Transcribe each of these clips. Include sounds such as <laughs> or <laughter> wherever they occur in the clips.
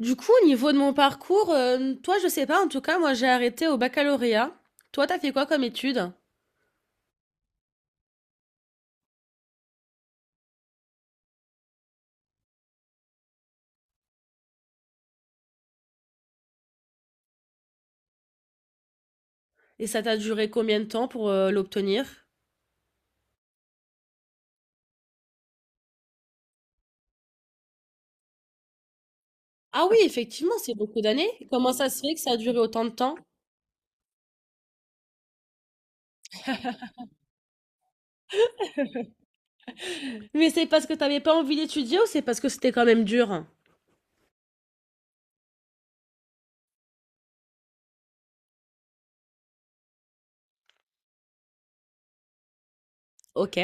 Du coup, au niveau de mon parcours, toi, je sais pas, en tout cas, moi, j'ai arrêté au baccalauréat. Toi, t'as fait quoi comme études? Et ça t'a duré combien de temps pour l'obtenir? Ah oui, effectivement, c'est beaucoup d'années. Comment ça se fait que ça a duré autant de temps? Mais c'est parce que t'avais pas envie d'étudier ou c'est parce que c'était quand même dur? Ok.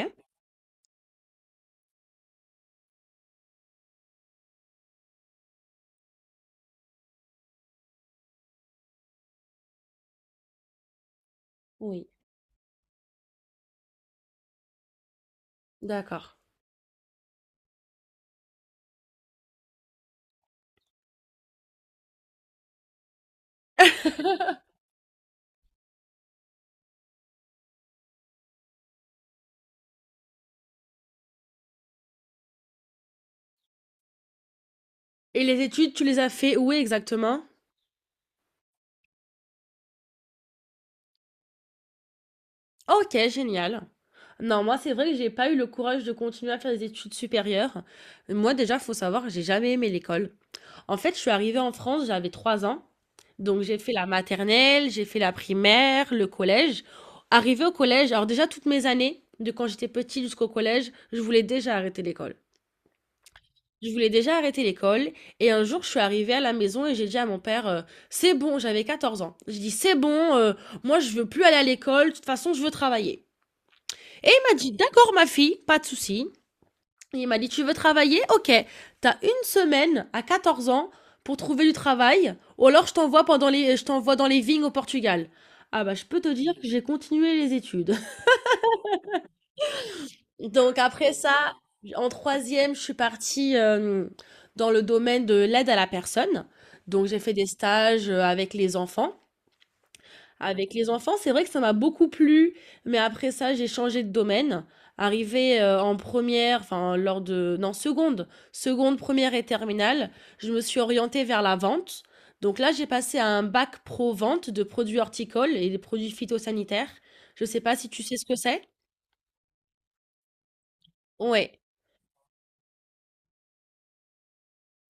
Oui, d'accord. Et les études, tu les as fait où exactement? Ok, génial. Non, moi, c'est vrai que j'ai pas eu le courage de continuer à faire des études supérieures. Moi, déjà, faut savoir que j'ai jamais aimé l'école. En fait, je suis arrivée en France, j'avais 3 ans. Donc j'ai fait la maternelle, j'ai fait la primaire, le collège. Arrivée au collège, alors déjà toutes mes années, de quand j'étais petite jusqu'au collège, je voulais déjà arrêter l'école. Je voulais déjà arrêter l'école. Et un jour, je suis arrivée à la maison et j'ai dit à mon père, c'est bon, j'avais 14 ans. J'ai dit, c'est bon, moi je veux plus aller à l'école, de toute façon je veux travailler. Et il m'a dit, d'accord ma fille, pas de souci. Il m'a dit, tu veux travailler? Ok, t'as une semaine à 14 ans pour trouver du travail, ou alors je t'envoie pendant les, je t'envoie dans les vignes au Portugal. Ah bah, je peux te dire que j'ai continué les études. <laughs> Donc après ça, en troisième, je suis partie dans le domaine de l'aide à la personne. Donc j'ai fait des stages avec les enfants. Avec les enfants, c'est vrai que ça m'a beaucoup plu, mais après ça, j'ai changé de domaine. Arrivé en première, enfin lors de, non, seconde, première et terminale, je me suis orientée vers la vente. Donc là, j'ai passé à un bac pro vente de produits horticoles et des produits phytosanitaires. Je sais pas si tu sais ce que c'est. Ouais.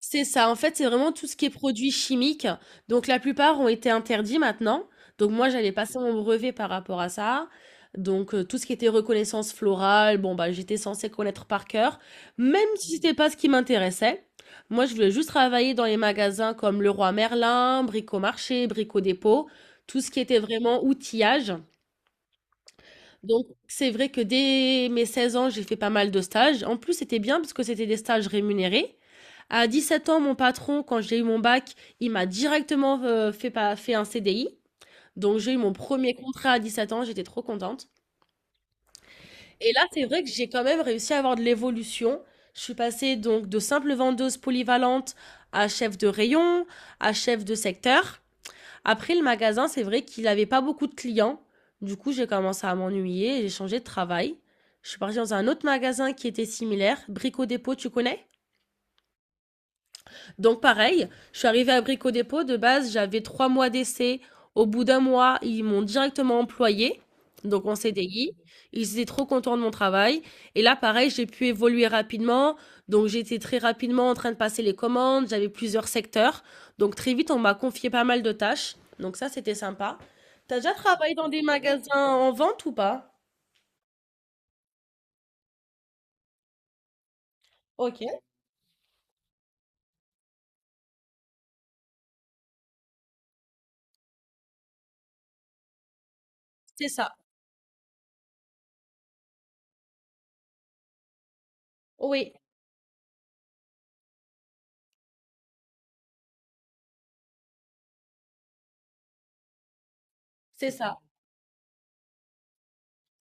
C'est ça, en fait, c'est vraiment tout ce qui est produits chimiques. Donc la plupart ont été interdits maintenant. Donc moi, j'allais passer mon brevet par rapport à ça. Donc tout ce qui était reconnaissance florale, bon bah j'étais censée connaître par cœur, même si c'était pas ce qui m'intéressait. Moi, je voulais juste travailler dans les magasins comme Leroy Merlin, Brico Marché, Brico Dépôt, tout ce qui était vraiment outillage. Donc, c'est vrai que dès mes 16 ans, j'ai fait pas mal de stages. En plus, c'était bien parce que c'était des stages rémunérés. À 17 ans, mon patron, quand j'ai eu mon bac, il m'a directement fait, pas- fait un CDI. Donc, j'ai eu mon premier contrat à 17 ans, j'étais trop contente. Et là, c'est vrai que j'ai quand même réussi à avoir de l'évolution. Je suis passée donc de simple vendeuse polyvalente à chef de rayon, à chef de secteur. Après, le magasin, c'est vrai qu'il n'avait pas beaucoup de clients. Du coup, j'ai commencé à m'ennuyer et j'ai changé de travail. Je suis partie dans un autre magasin qui était similaire, Brico Dépôt, tu connais? Donc pareil, je suis arrivée à Brico Dépôt, de base j'avais 3 mois d'essai. Au bout d'1 mois, ils m'ont directement employée, donc en CDI. Ils étaient trop contents de mon travail. Et là, pareil, j'ai pu évoluer rapidement. Donc j'étais très rapidement en train de passer les commandes, j'avais plusieurs secteurs. Donc très vite, on m'a confié pas mal de tâches. Donc ça, c'était sympa. T'as déjà travaillé dans des magasins en vente ou pas? Ok, c'est ça. Oui, c'est ça.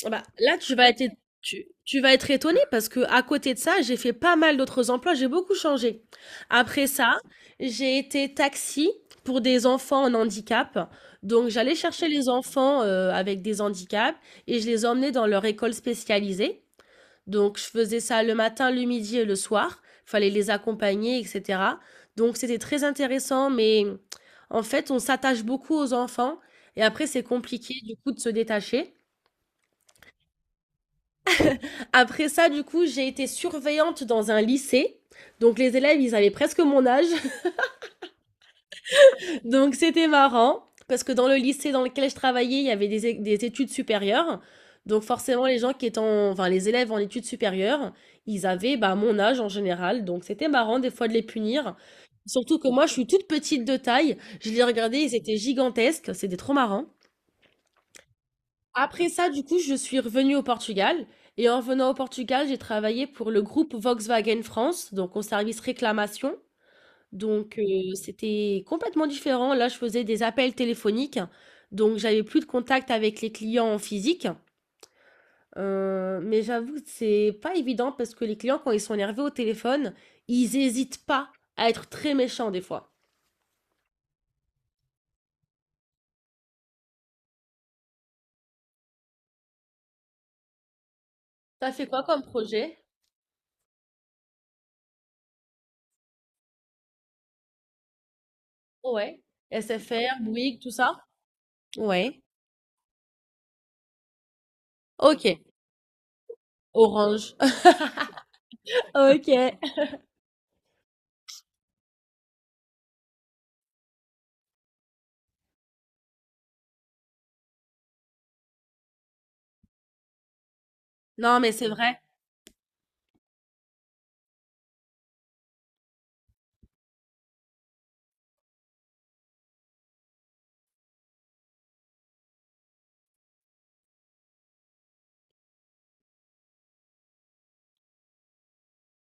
Ah bah, là, tu vas être, tu vas être étonné parce que à côté de ça, j'ai fait pas mal d'autres emplois, j'ai beaucoup changé. Après ça, j'ai été taxi pour des enfants en handicap. Donc j'allais chercher les enfants, avec des handicaps et je les emmenais dans leur école spécialisée. Donc je faisais ça le matin, le midi et le soir. Fallait les accompagner et cetera. Donc c'était très intéressant, mais en fait, on s'attache beaucoup aux enfants et après c'est compliqué du coup de se détacher. Après ça, du coup, j'ai été surveillante dans un lycée. Donc les élèves, ils avaient presque mon âge. <laughs> Donc c'était marrant. Parce que dans le lycée dans lequel je travaillais, il y avait des, des études supérieures. Donc forcément, les gens qui étaient enfin, les élèves en études supérieures, ils avaient bah, mon âge en général. Donc c'était marrant des fois de les punir. Surtout que moi, je suis toute petite de taille. Je les regardais, ils étaient gigantesques. C'était trop marrant. Après ça, du coup, je suis revenue au Portugal. Et en venant au Portugal, j'ai travaillé pour le groupe Volkswagen France, donc en service réclamation. Donc, c'était complètement différent. Là, je faisais des appels téléphoniques. Donc, j'avais plus de contact avec les clients en physique. Mais j'avoue que c'est pas évident parce que les clients, quand ils sont énervés au téléphone, ils hésitent pas à être très méchants des fois. T'as fait quoi comme projet? Ouais. SFR, Bouygues, tout ça? Ouais. Ok. Orange. <laughs> Ok. Non, mais c'est vrai.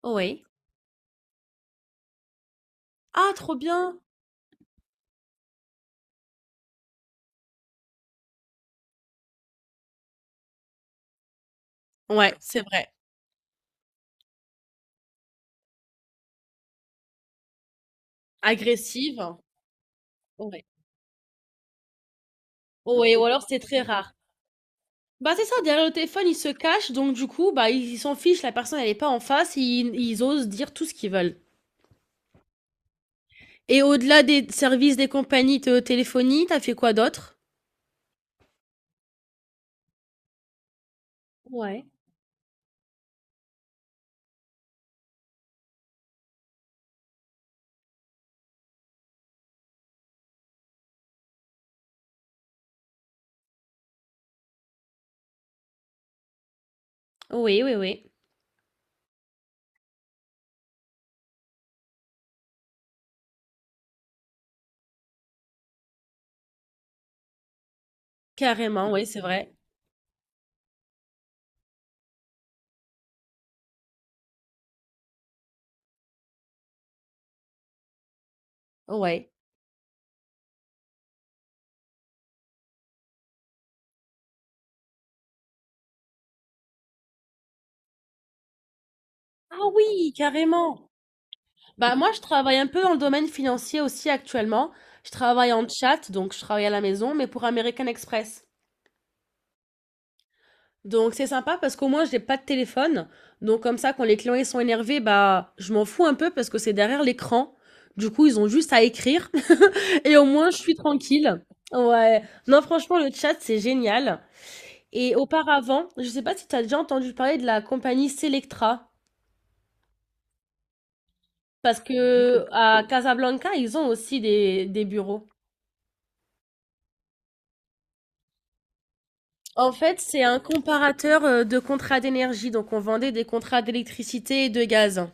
Oui. Ah, trop bien! Ouais, c'est vrai. Agressive. Ouais. Ouais, ou alors c'est très rare. Bah, c'est ça, derrière le téléphone, ils se cachent, donc du coup, bah, ils s'en fichent, la personne, elle est pas en face, ils osent dire tout ce qu'ils veulent. Et au-delà des services des compagnies de téléphonie, t'as fait quoi d'autre? Ouais. Oui, oui, oui. Carrément, oui, c'est vrai. Ouais. Ah oui, carrément. Bah moi, je travaille un peu dans le domaine financier aussi actuellement. Je travaille en chat, donc je travaille à la maison, mais pour American Express. Donc c'est sympa parce qu'au moins je n'ai pas de téléphone. Donc comme ça quand les clients ils sont énervés, bah je m'en fous un peu parce que c'est derrière l'écran. Du coup, ils ont juste à écrire <laughs> et au moins je suis tranquille. Ouais. Non, franchement le chat c'est génial. Et auparavant, je sais pas si tu as déjà entendu parler de la compagnie Selectra parce que à Casablanca, ils ont aussi des bureaux. En fait, c'est un comparateur de contrats d'énergie. Donc on vendait des contrats d'électricité et de gaz.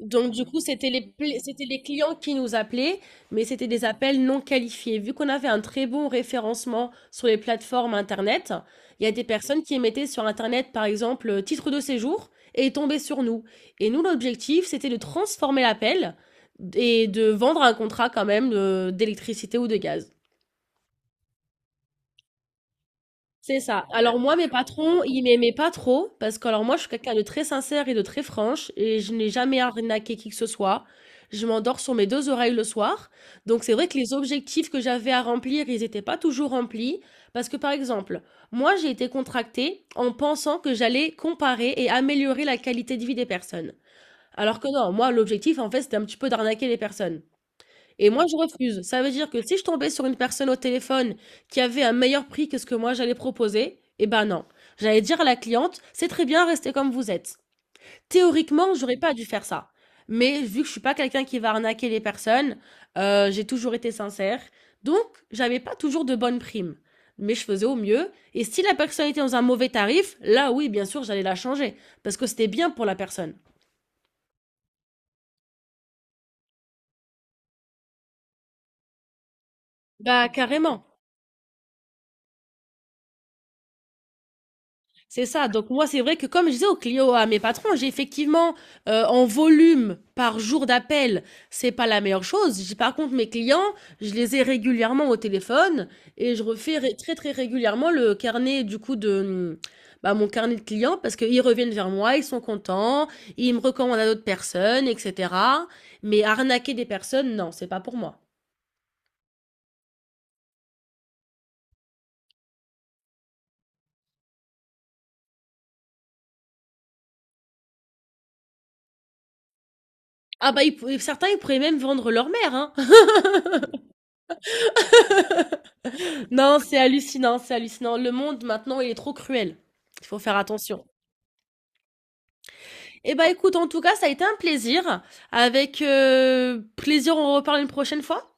Donc, du coup, c'était les, c'était les clients qui nous appelaient, mais c'était des appels non qualifiés. Vu qu'on avait un très bon référencement sur les plateformes Internet, il y a des personnes qui mettaient sur Internet, par exemple, titre de séjour et tombaient sur nous. Et nous, l'objectif, c'était de transformer l'appel et de vendre un contrat quand même d'électricité ou de gaz. C'est ça. Alors moi, mes patrons, ils m'aimaient pas trop parce que alors moi, je suis quelqu'un de très sincère et de très franche et je n'ai jamais arnaqué qui que ce soit. Je m'endors sur mes deux oreilles le soir. Donc c'est vrai que les objectifs que j'avais à remplir, ils n'étaient pas toujours remplis parce que par exemple, moi, j'ai été contractée en pensant que j'allais comparer et améliorer la qualité de vie des personnes. Alors que non, moi, l'objectif, en fait, c'était un petit peu d'arnaquer les personnes. Et moi, je refuse. Ça veut dire que si je tombais sur une personne au téléphone qui avait un meilleur prix que ce que moi j'allais proposer, eh ben non. J'allais dire à la cliente, c'est très bien, restez comme vous êtes. Théoriquement, j'aurais pas dû faire ça. Mais vu que je suis pas quelqu'un qui va arnaquer les personnes, j'ai toujours été sincère. Donc, j'avais pas toujours de bonnes primes. Mais je faisais au mieux. Et si la personne était dans un mauvais tarif, là oui, bien sûr, j'allais la changer. Parce que c'était bien pour la personne. Bah, carrément. C'est ça. Donc moi, c'est vrai que comme je disais aux clients, à mes patrons, j'ai effectivement en volume par jour d'appel, c'est pas la meilleure chose. J'ai- Par contre, mes clients, je les ai régulièrement au téléphone et je refais très très régulièrement le carnet du coup de bah, mon carnet de clients parce qu'ils reviennent vers moi, ils sont contents, ils me recommandent à d'autres personnes, etc. Mais arnaquer des personnes, non, c'est pas pour moi. Ah bah certains ils pourraient même vendre leur mère, hein. Non, c'est hallucinant, c'est hallucinant. Le monde maintenant, il est trop cruel. Il faut faire attention. Eh ben, écoute, en tout cas, ça a été un plaisir. Avec plaisir, on reparle une prochaine fois.